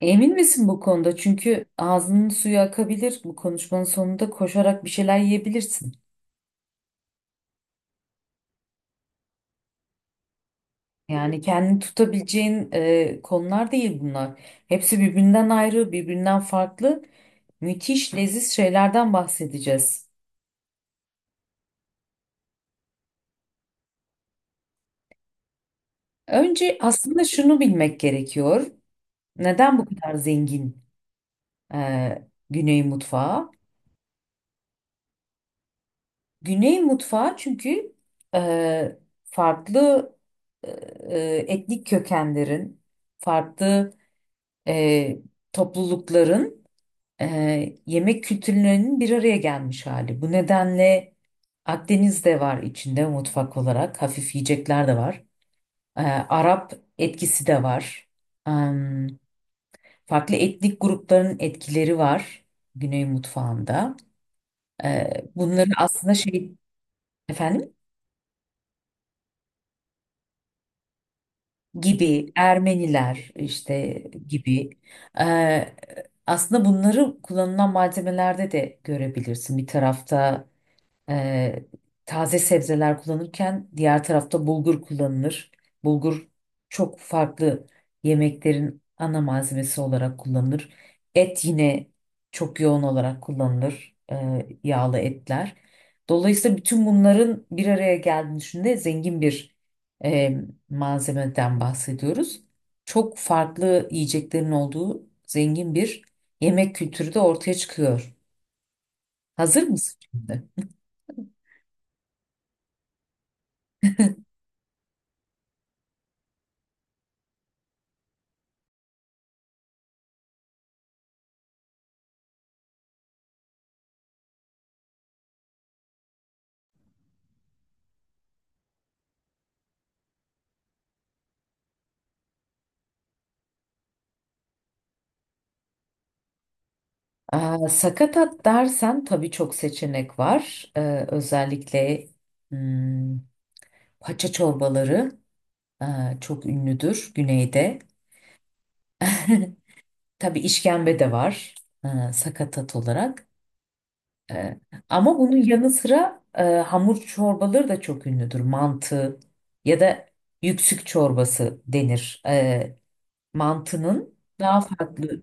Emin misin bu konuda? Çünkü ağzının suyu akabilir. Bu konuşmanın sonunda koşarak bir şeyler yiyebilirsin. Yani kendini tutabileceğin konular değil bunlar. Hepsi birbirinden ayrı, birbirinden farklı. Müthiş, leziz şeylerden bahsedeceğiz. Önce aslında şunu bilmek gerekiyor. Neden bu kadar zengin Güney mutfağı? Güney mutfağı çünkü e, farklı e, etnik kökenlerin, farklı e, toplulukların yemek kültürlerinin bir araya gelmiş hali. Bu nedenle Akdeniz de var içinde mutfak olarak. Hafif yiyecekler de var. E, Arap etkisi de var. Em, Farklı etnik grupların etkileri var Güney mutfağında. E, Bunları aslında şey efendim gibi Ermeniler gibi e, aslında bunları kullanılan malzemelerde de görebilirsin. Bir tarafta Ee, taze sebzeler kullanırken diğer tarafta bulgur kullanılır. Bulgur çok farklı yemeklerin ana malzemesi olarak kullanılır. Et yine çok yoğun olarak kullanılır. Yağlı etler. Dolayısıyla bütün bunların bir araya geldiğini düşündüğünde zengin bir e, malzemeden bahsediyoruz. Çok farklı yiyeceklerin olduğu zengin bir yemek kültürü de ortaya çıkıyor. Hazır mısın şimdi? Sakatat dersen tabii çok seçenek var. Özellikle hmm, paça çorbaları e, çok ünlüdür güneyde. Tabii işkembe de var, sakatat olarak. E, Ama bunun yanı sıra hamur çorbaları da çok ünlüdür. Mantı ya da yüksük çorbası denir. Mantının daha farklı.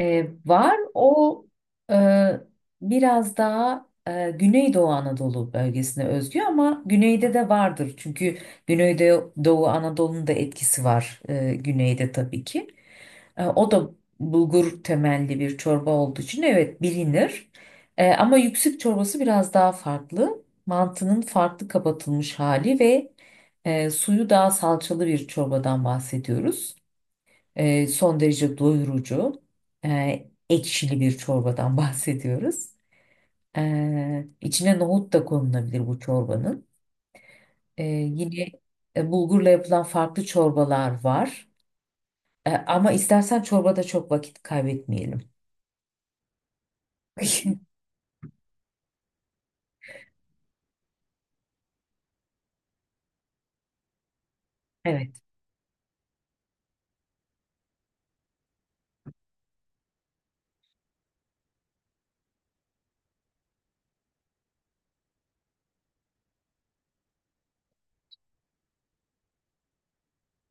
Var o, e, biraz daha Güneydoğu Anadolu bölgesine özgü ama güneyde de vardır. Çünkü Güneydoğu Anadolu'nun da etkisi var güneyde tabii ki. O da bulgur temelli bir çorba olduğu için evet bilinir. Ama yüksük çorbası biraz daha farklı. Mantının farklı kapatılmış hali ve suyu daha salçalı bir çorbadan bahsediyoruz. Son derece doyurucu, ekşili bir çorbadan bahsediyoruz. İçine nohut da konulabilir bu çorbanın. Yine bulgurla yapılan farklı çorbalar var. Ama istersen çorbada çok vakit kaybetmeyelim. Evet.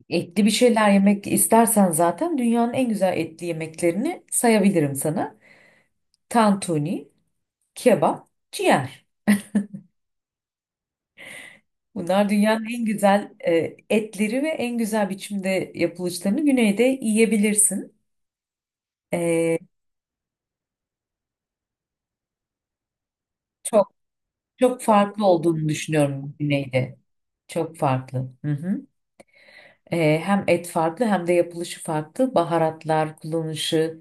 Etli bir şeyler yemek istersen zaten dünyanın en güzel etli yemeklerini sayabilirim sana. Tantuni, kebap, ciğer. Bunlar dünyanın en güzel etleri ve en güzel biçimde yapılışlarını güneyde yiyebilirsin. E, çok çok farklı olduğunu düşünüyorum güneyde. Çok farklı. Hı hı. Hem et farklı hem de yapılışı farklı. Baharatlar kullanışı,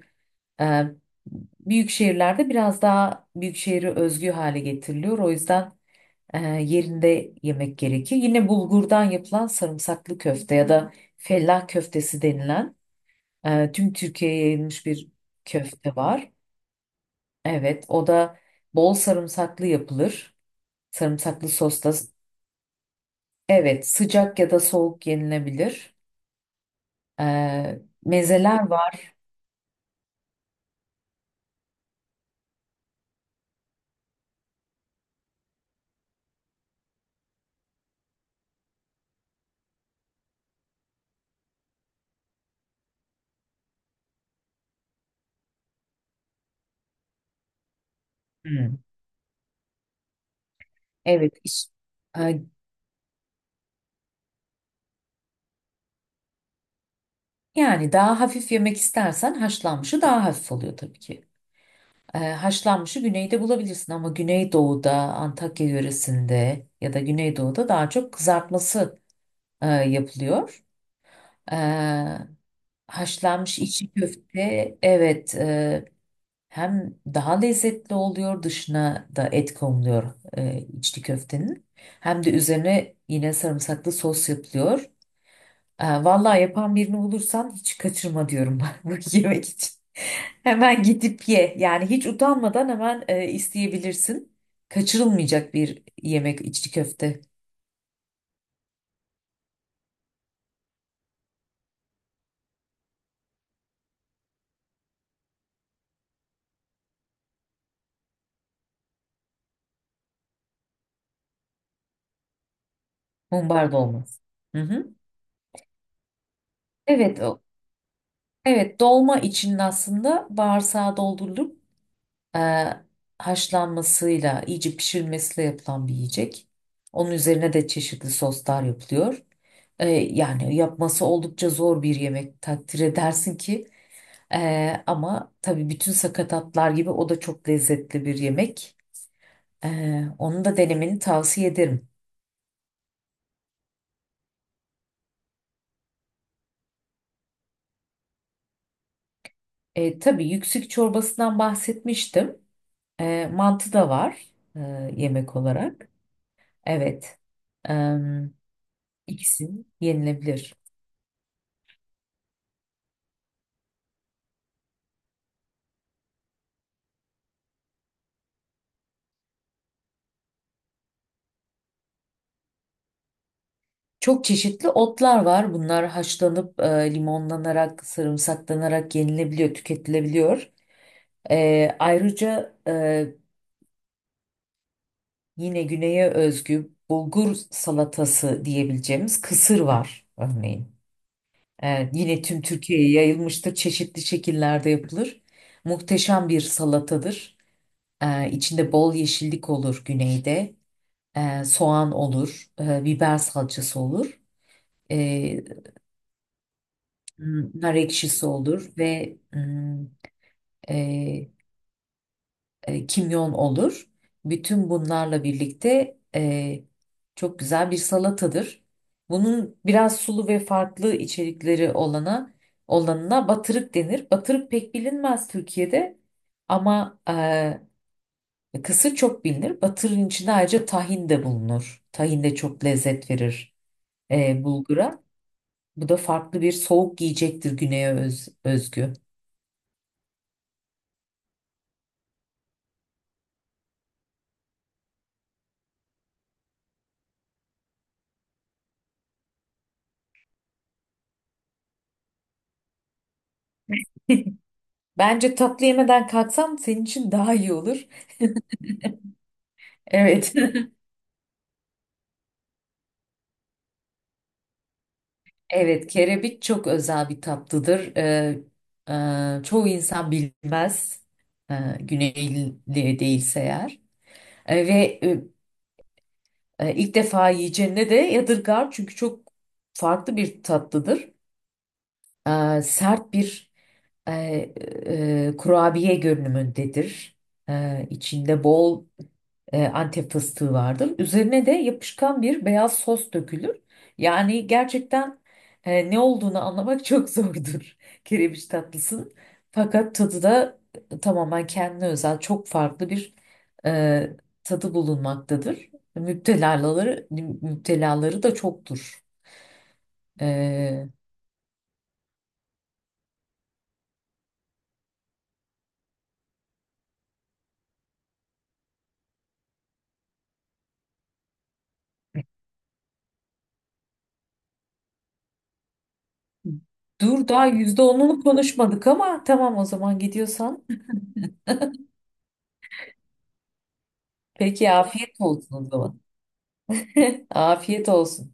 e, büyük şehirlerde biraz daha büyük şehri özgü hale getiriliyor. O yüzden yerinde yemek gerekiyor. Yine bulgurdan yapılan sarımsaklı köfte ya da fellah köftesi denilen, tüm Türkiye'ye yayılmış bir köfte var. Evet, o da bol sarımsaklı yapılır. Sarımsaklı sosta evet, sıcak ya da soğuk yenilebilir. Ee, Mezeler var. Hmm, Evet, iş- Ee, Yani daha hafif yemek istersen haşlanmışı daha hafif oluyor tabii ki. Haşlanmışı güneyde bulabilirsin ama güneydoğuda, Antakya yöresinde ya da güneydoğuda daha çok kızartması yapılıyor. Haşlanmış içi köfte evet, hem daha lezzetli oluyor, dışına da et konuluyor içli köftenin, hem de üzerine yine sarımsaklı sos yapılıyor. Vallahi yapan birini bulursan hiç kaçırma diyorum bak, bu yemek için. Hemen gidip ye yani, hiç utanmadan hemen isteyebilirsin. Kaçırılmayacak bir yemek içli köfte. Mumbar dolması. Hı hı. Evet, o. Evet, dolma için aslında bağırsağı doldurulur. e, Haşlanmasıyla, iyice pişirilmesiyle yapılan bir yiyecek. Onun üzerine de çeşitli soslar yapılıyor. Yani yapması oldukça zor bir yemek, takdir edersin ki. Ama tabii bütün sakatatlar gibi o da çok lezzetli bir yemek. E, Onu da denemeni tavsiye ederim. Tabii yüksük çorbasından bahsetmiştim. Mantı da var e, yemek olarak. Evet. E, ikisi yenilebilir. Çok çeşitli otlar var. Bunlar haşlanıp limonlanarak, sarımsaklanarak yenilebiliyor, tüketilebiliyor. Ayrıca yine güneye özgü bulgur salatası diyebileceğimiz kısır var örneğin. Yine tüm Türkiye'ye yayılmıştır. Çeşitli şekillerde yapılır. Muhteşem bir salatadır. İçinde bol yeşillik olur güneyde. Soğan olur, biber salçası olur. E, Nar ekşisi olur ve e, kimyon olur. Bütün bunlarla birlikte çok güzel bir salatadır. Bunun biraz sulu ve farklı içerikleri olanına batırık denir. Batırık pek bilinmez Türkiye'de, ama kısır çok bilinir. Batırın içinde ayrıca tahin de bulunur. Tahin de çok lezzet verir bulgura. Bu da farklı bir soğuk yiyecektir güneye özgü. Bence tatlı yemeden kalksam senin için daha iyi olur. Evet. Evet, kerebit çok özel bir tatlıdır. Çoğu insan bilmez. Güneyli değilse eğer. Ee, ve e, ilk defa yiyeceğine de yadırgar çünkü çok farklı bir tatlıdır. Sert bir e, kurabiye görünümündedir. İçinde bol Antep fıstığı vardır. Üzerine de yapışkan bir beyaz sos dökülür. Yani gerçekten ne olduğunu anlamak çok zordur kerebiç tatlısının. Fakat tadı da tamamen kendine özel çok farklı bir e, tadı bulunmaktadır. Müptelaları, müptelaları da çoktur. E, Dur, daha %10'unu konuşmadık ama tamam, o zaman gidiyorsan. Peki, afiyet olsun o zaman. Afiyet olsun.